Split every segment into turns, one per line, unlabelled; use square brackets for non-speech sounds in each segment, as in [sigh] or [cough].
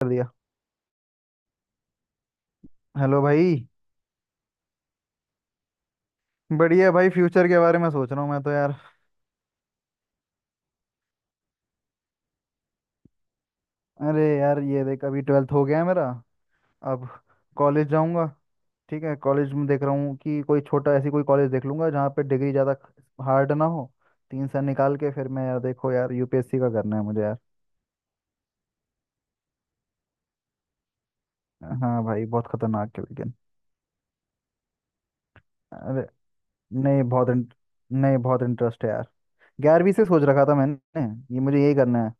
कर दिया। हेलो भाई। बढ़िया भाई, फ्यूचर के बारे में सोच रहा हूँ मैं तो यार। अरे यार, ये देख अभी ट्वेल्थ हो गया है मेरा। अब कॉलेज जाऊंगा। ठीक है, कॉलेज में देख रहा हूँ कि कोई छोटा ऐसी कोई कॉलेज देख लूंगा जहाँ पे डिग्री ज़्यादा हार्ड ना हो। 3 साल निकाल के फिर मैं यार, देखो यार, यूपीएससी का करना है मुझे यार। हाँ भाई, बहुत खतरनाक है लेकिन। अरे, नहीं बहुत इंट- नहीं बहुत इंटरेस्ट है यार। ग्यारहवीं से सोच रखा था मैंने, ये मुझे यही करना है।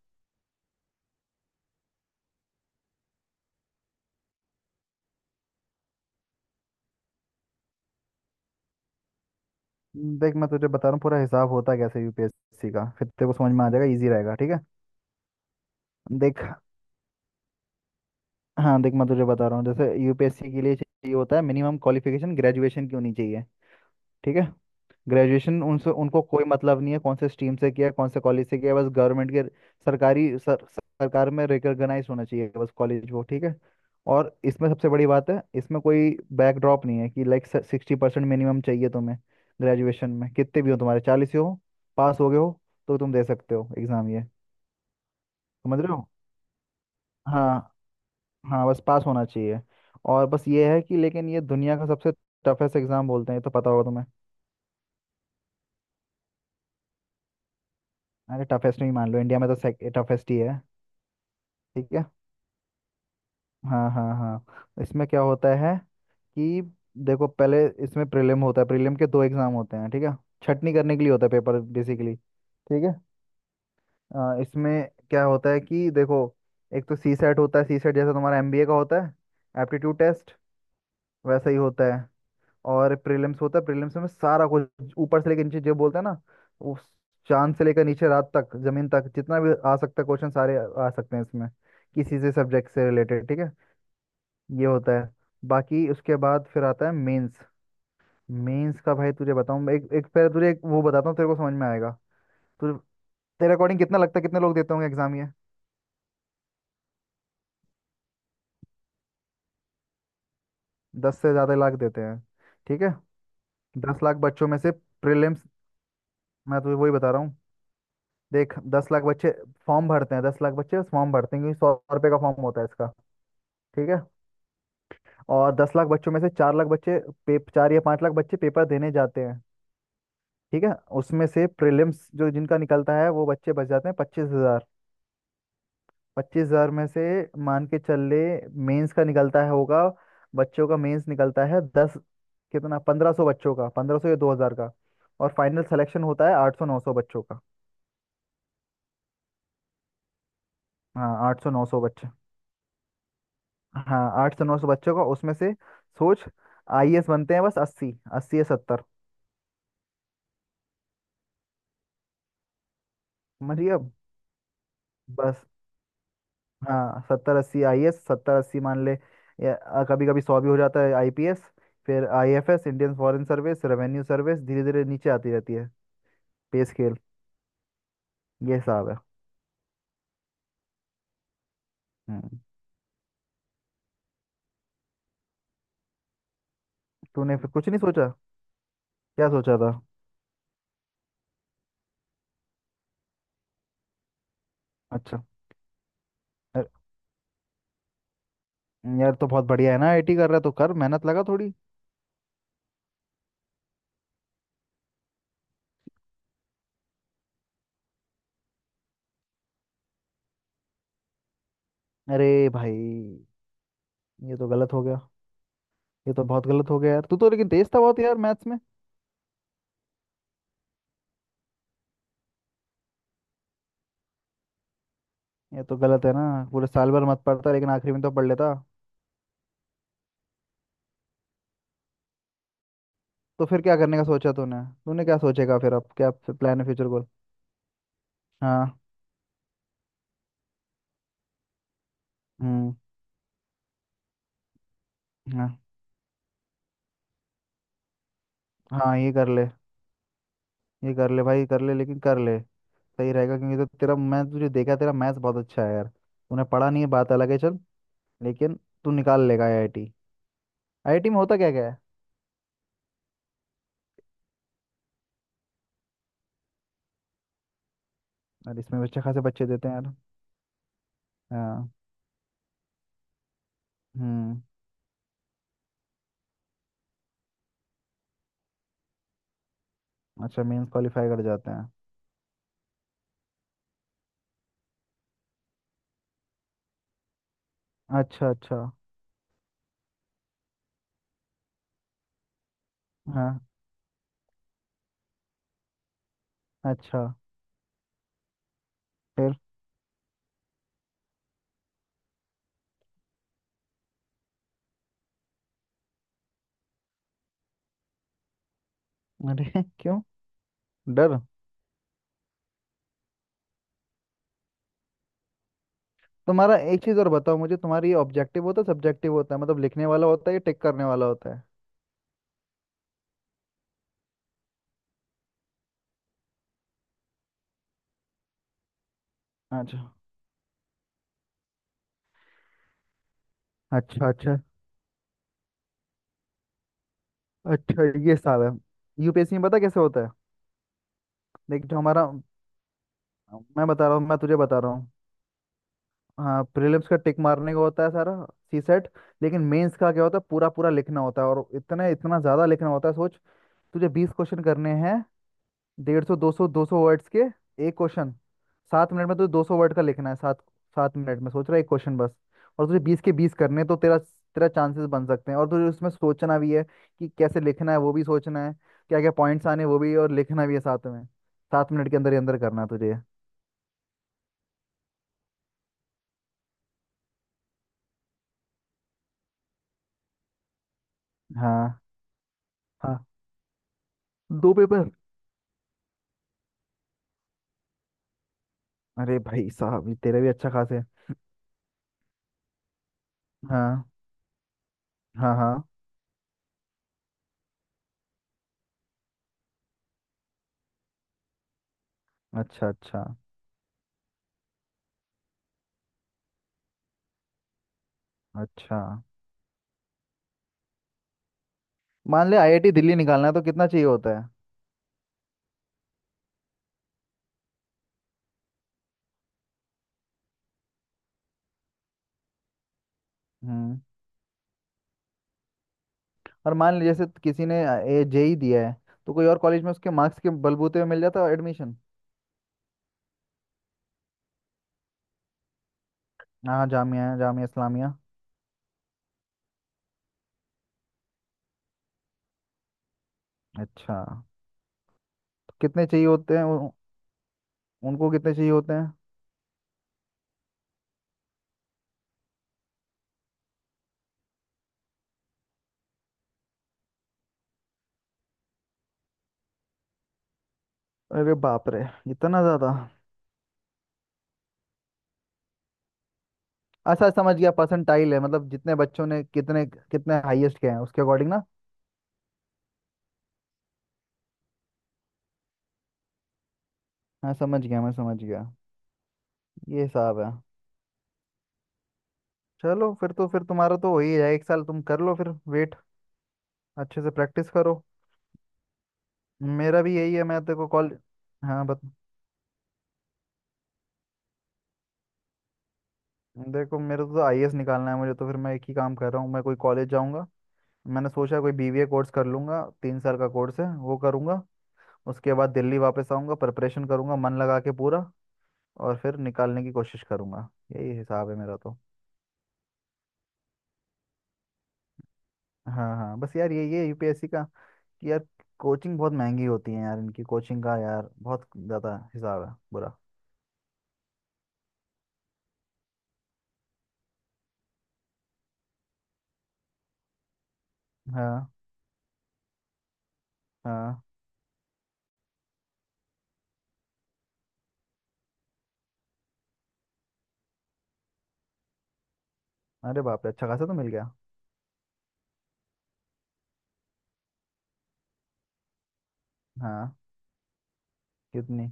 देख मैं तुझे बता रहा हूँ पूरा हिसाब होता कैसे यूपीएससी का, फिर तेरे को समझ में आ जाएगा, इजी रहेगा, ठीक है। देख। हाँ देख मैं तुझे बता रहा हूँ जैसे यूपीएससी के लिए चाहिए होता है मिनिमम क्वालिफिकेशन, ग्रेजुएशन की होनी चाहिए। ठीक है। ग्रेजुएशन उनसे उनको कोई मतलब नहीं है कौन से स्ट्रीम से किया है, कौन से कॉलेज से किया है, बस गवर्नमेंट के सरकारी सरकार में रिकॉग्नाइज होना चाहिए, बस कॉलेज वो ठीक है। और इसमें सबसे बड़ी बात है, इसमें कोई बैकड्रॉप नहीं है कि लाइक 60% मिनिमम चाहिए तुम्हें ग्रेजुएशन में। कितने भी हो तुम्हारे, 40 हो, पास हो गए हो तो तुम दे सकते हो एग्ज़ाम ये। समझ रहे हो? हाँ। हाँ बस पास होना चाहिए। और बस ये है कि लेकिन ये दुनिया का सबसे टफेस्ट एग्ज़ाम बोलते हैं, ये तो पता होगा तुम्हें। अरे टफेस्ट नहीं, मान लो इंडिया में तो टफेस्ट ही है। ठीक है। हाँ, हाँ, हाँ। इसमें क्या होता है कि देखो, पहले इसमें प्रीलिम होता है, प्रीलिम के 2 एग्जाम होते हैं, ठीक है। छटनी करने के लिए होता है पेपर बेसिकली, ठीक है। इसमें क्या होता है कि देखो, एक तो सी सेट होता है, सी सेट जैसा तुम्हारा एमबीए का होता है एप्टीट्यूड टेस्ट वैसा ही होता है। और प्रीलिम्स होता है। प्रीलिम्स में सारा कुछ ऊपर से लेकर नीचे जो बोलते हैं ना, उस चांद से लेकर नीचे रात तक जमीन तक जितना भी आ सकता है क्वेश्चन सारे आ सकते हैं इसमें। किसी से सब्जेक्ट से रिलेटेड, ठीक है, ये होता है। बाकी उसके बाद फिर आता है मेंस। मेंस का भाई तुझे बताऊं, एक एक पहले तुझे एक वो बताता हूँ तेरे को समझ में आएगा तुझे। तेरे अकॉर्डिंग कितना लगता है कितने लोग देते होंगे एग्जाम ये? 10 से ज़्यादा लाख देते हैं, ठीक है। 10 लाख बच्चों में से प्रीलिम्स, मैं तुझे वही बता रहा हूँ। देख 10 लाख बच्चे फॉर्म भरते हैं, 10 लाख बच्चे फॉर्म भरते हैं क्योंकि 100 रुपये का फॉर्म होता है इसका, ठीक है। और 10 लाख बच्चों में से 4 या 5 लाख बच्चे पेपर देने जाते हैं, ठीक है। उसमें से प्रीलिम्स जो जिनका निकलता है वो बच्चे बच जाते हैं 25 हज़ार। 25 हज़ार में से, मान के चल ले, मेंस का निकलता है होगा बच्चों का, मेंस निकलता है दस, कितना, 1500 बच्चों का, 1500 या 2 हज़ार का। और फाइनल सिलेक्शन होता है 800 900 बच्चों का। हाँ 800 900 बच्चे। हाँ 800 900 बच्चों का उसमें से, सोच, आईएएस बनते हैं बस 80, 80 या 70। समझ गया बस। हाँ 70 80 आईएएस, 70 80 मान ले। या कभी कभी 100 भी हो जाता है। आईपीएस, फिर IFS Indian foreign service, revenue service, धीरे धीरे नीचे आती रहती है पे स्केल। ये हिसाब है। हम्म। तूने फिर कुछ नहीं सोचा? क्या सोचा था? अच्छा। अरे, यार तो बहुत बढ़िया है ना, आईटी कर रहा है तो कर, मेहनत लगा थोड़ी। अरे भाई, ये तो गलत हो गया। ये तो बहुत गलत हो गया यार, तू तो लेकिन तेज था बहुत यार मैथ्स में। ये तो गलत है ना, पूरे साल भर मत पढ़ता लेकिन आखिरी में तो पढ़ लेता। तो फिर क्या करने का सोचा तूने तूने क्या सोचेगा फिर, अब क्या प्लान है फ्यूचर गोल? हाँ। हम्म। हाँ। हाँ ये कर ले, ये कर ले भाई, कर ले, लेकिन कर ले सही रहेगा क्योंकि तो तेरा, मैं तुझे देखा तेरा मैथ्स बहुत अच्छा है यार, तूने पढ़ा नहीं है बात अलग है, चल लेकिन तू निकाल लेगा आईआईटी। आईआईटी में होता क्या क्या है? और इसमें भी अच्छे खासे बच्चे देते हैं यार। हाँ। हम्म। अच्छा मेंस क्वालिफाई कर जाते हैं। अच्छा, अच्छा। हाँ। अच्छा। फिर? अरे [laughs] क्यों? डर? तुम्हारा एक चीज़ और बताओ मुझे, तुम्हारी ये ऑब्जेक्टिव होता है, सब्जेक्टिव होता है, मतलब लिखने वाला होता है या टिक करने वाला होता है? अच्छा, अच्छा। अच्छा, अच्छा। ये साल है, यूपीएससी में पता कैसे होता है? देख जो हमारा, मैं तुझे बता रहा हूँ। हाँ, प्रीलिम्स का टिक मारने का होता है सारा, सी सेट। लेकिन मेंस का क्या होता है, पूरा पूरा लिखना होता है, और इतना इतना ज़्यादा लिखना होता है, सोच। तुझे 20 क्वेश्चन करने हैं, 150 200 200 वर्ड्स के एक क्वेश्चन, 7 मिनट में तुझे 200 वर्ड का लिखना है सात सात मिनट में सोच रहा है एक क्वेश्चन बस। और तुझे 20 के 20 करने हैं, तो तेरा तेरा चांसेस बन सकते हैं, और तुझे उसमें सोचना भी है कि कैसे लिखना है वो भी सोचना है, क्या क्या पॉइंट्स आने हैं, वो भी, और लिखना भी है साथ में, 7 मिनट के अंदर ही अंदर करना है तुझे। हाँ, हाँ, दो पेपर। अरे भाई साहब, ये तेरा भी अच्छा खास है। हाँ, हाँ, हाँ। अच्छा, अच्छा। अच्छा मान ले आईआईटी दिल्ली निकालना है तो कितना चाहिए होता है? हम्म। और मान ले जैसे किसी ने जेई दिया है, तो कोई और कॉलेज में उसके मार्क्स के बलबूते पे मिल जाता है एडमिशन? हाँ जामिया, जामिया इस्लामिया। अच्छा तो कितने चाहिए होते हैं उनको कितने चाहिए होते हैं? अरे बाप रे, इतना ज्यादा। अच्छा समझ गया, परसेंटाइल है मतलब जितने बच्चों ने कितने कितने हाईएस्ट गए हैं उसके अकॉर्डिंग ना। हाँ समझ गया, मैं समझ गया। ये हिसाब है। चलो फिर तो, फिर तुम्हारा तो हो ही है, एक साल तुम कर लो फिर वेट, अच्छे से प्रैक्टिस करो। मेरा भी यही है, मैं तेरे को कॉल। हाँ बत देखो मेरे को तो आईएएस निकालना है, मुझे तो फिर मैं एक ही काम कर रहा हूँ, मैं कोई कॉलेज जाऊँगा। मैंने सोचा कोई बीबीए कोर्स कर लूँगा, 3 साल का कोर्स है वो करूँगा। उसके बाद दिल्ली वापस आऊँगा प्रिपरेशन करूँगा मन लगा के पूरा, और फिर निकालने की कोशिश करूँगा। यही हिसाब है मेरा तो। हाँ, हाँ बस यार यही है यूपीएससी का, कि यार कोचिंग बहुत महंगी होती है यार, इनकी कोचिंग का यार बहुत ज़्यादा हिसाब है बुरा। हाँ, हाँ। अरे बाप रे, अच्छा खासा तो मिल गया। हाँ। कितनी?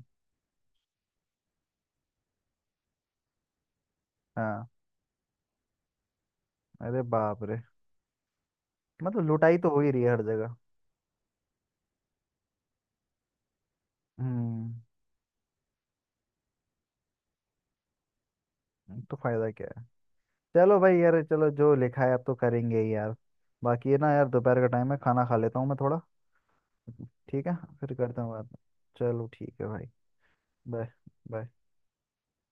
हाँ। अरे बाप रे, मतलब लुटाई तो हो ही रही है हर जगह। हम्म, तो फायदा क्या है। चलो भाई यार, चलो जो लिखा है अब तो करेंगे ही यार। बाकी ये ना यार, दोपहर का टाइम है, खाना खा लेता हूँ मैं थोड़ा। ठीक है, फिर करता हूँ बात। चलो ठीक है भाई। बाय। बाय।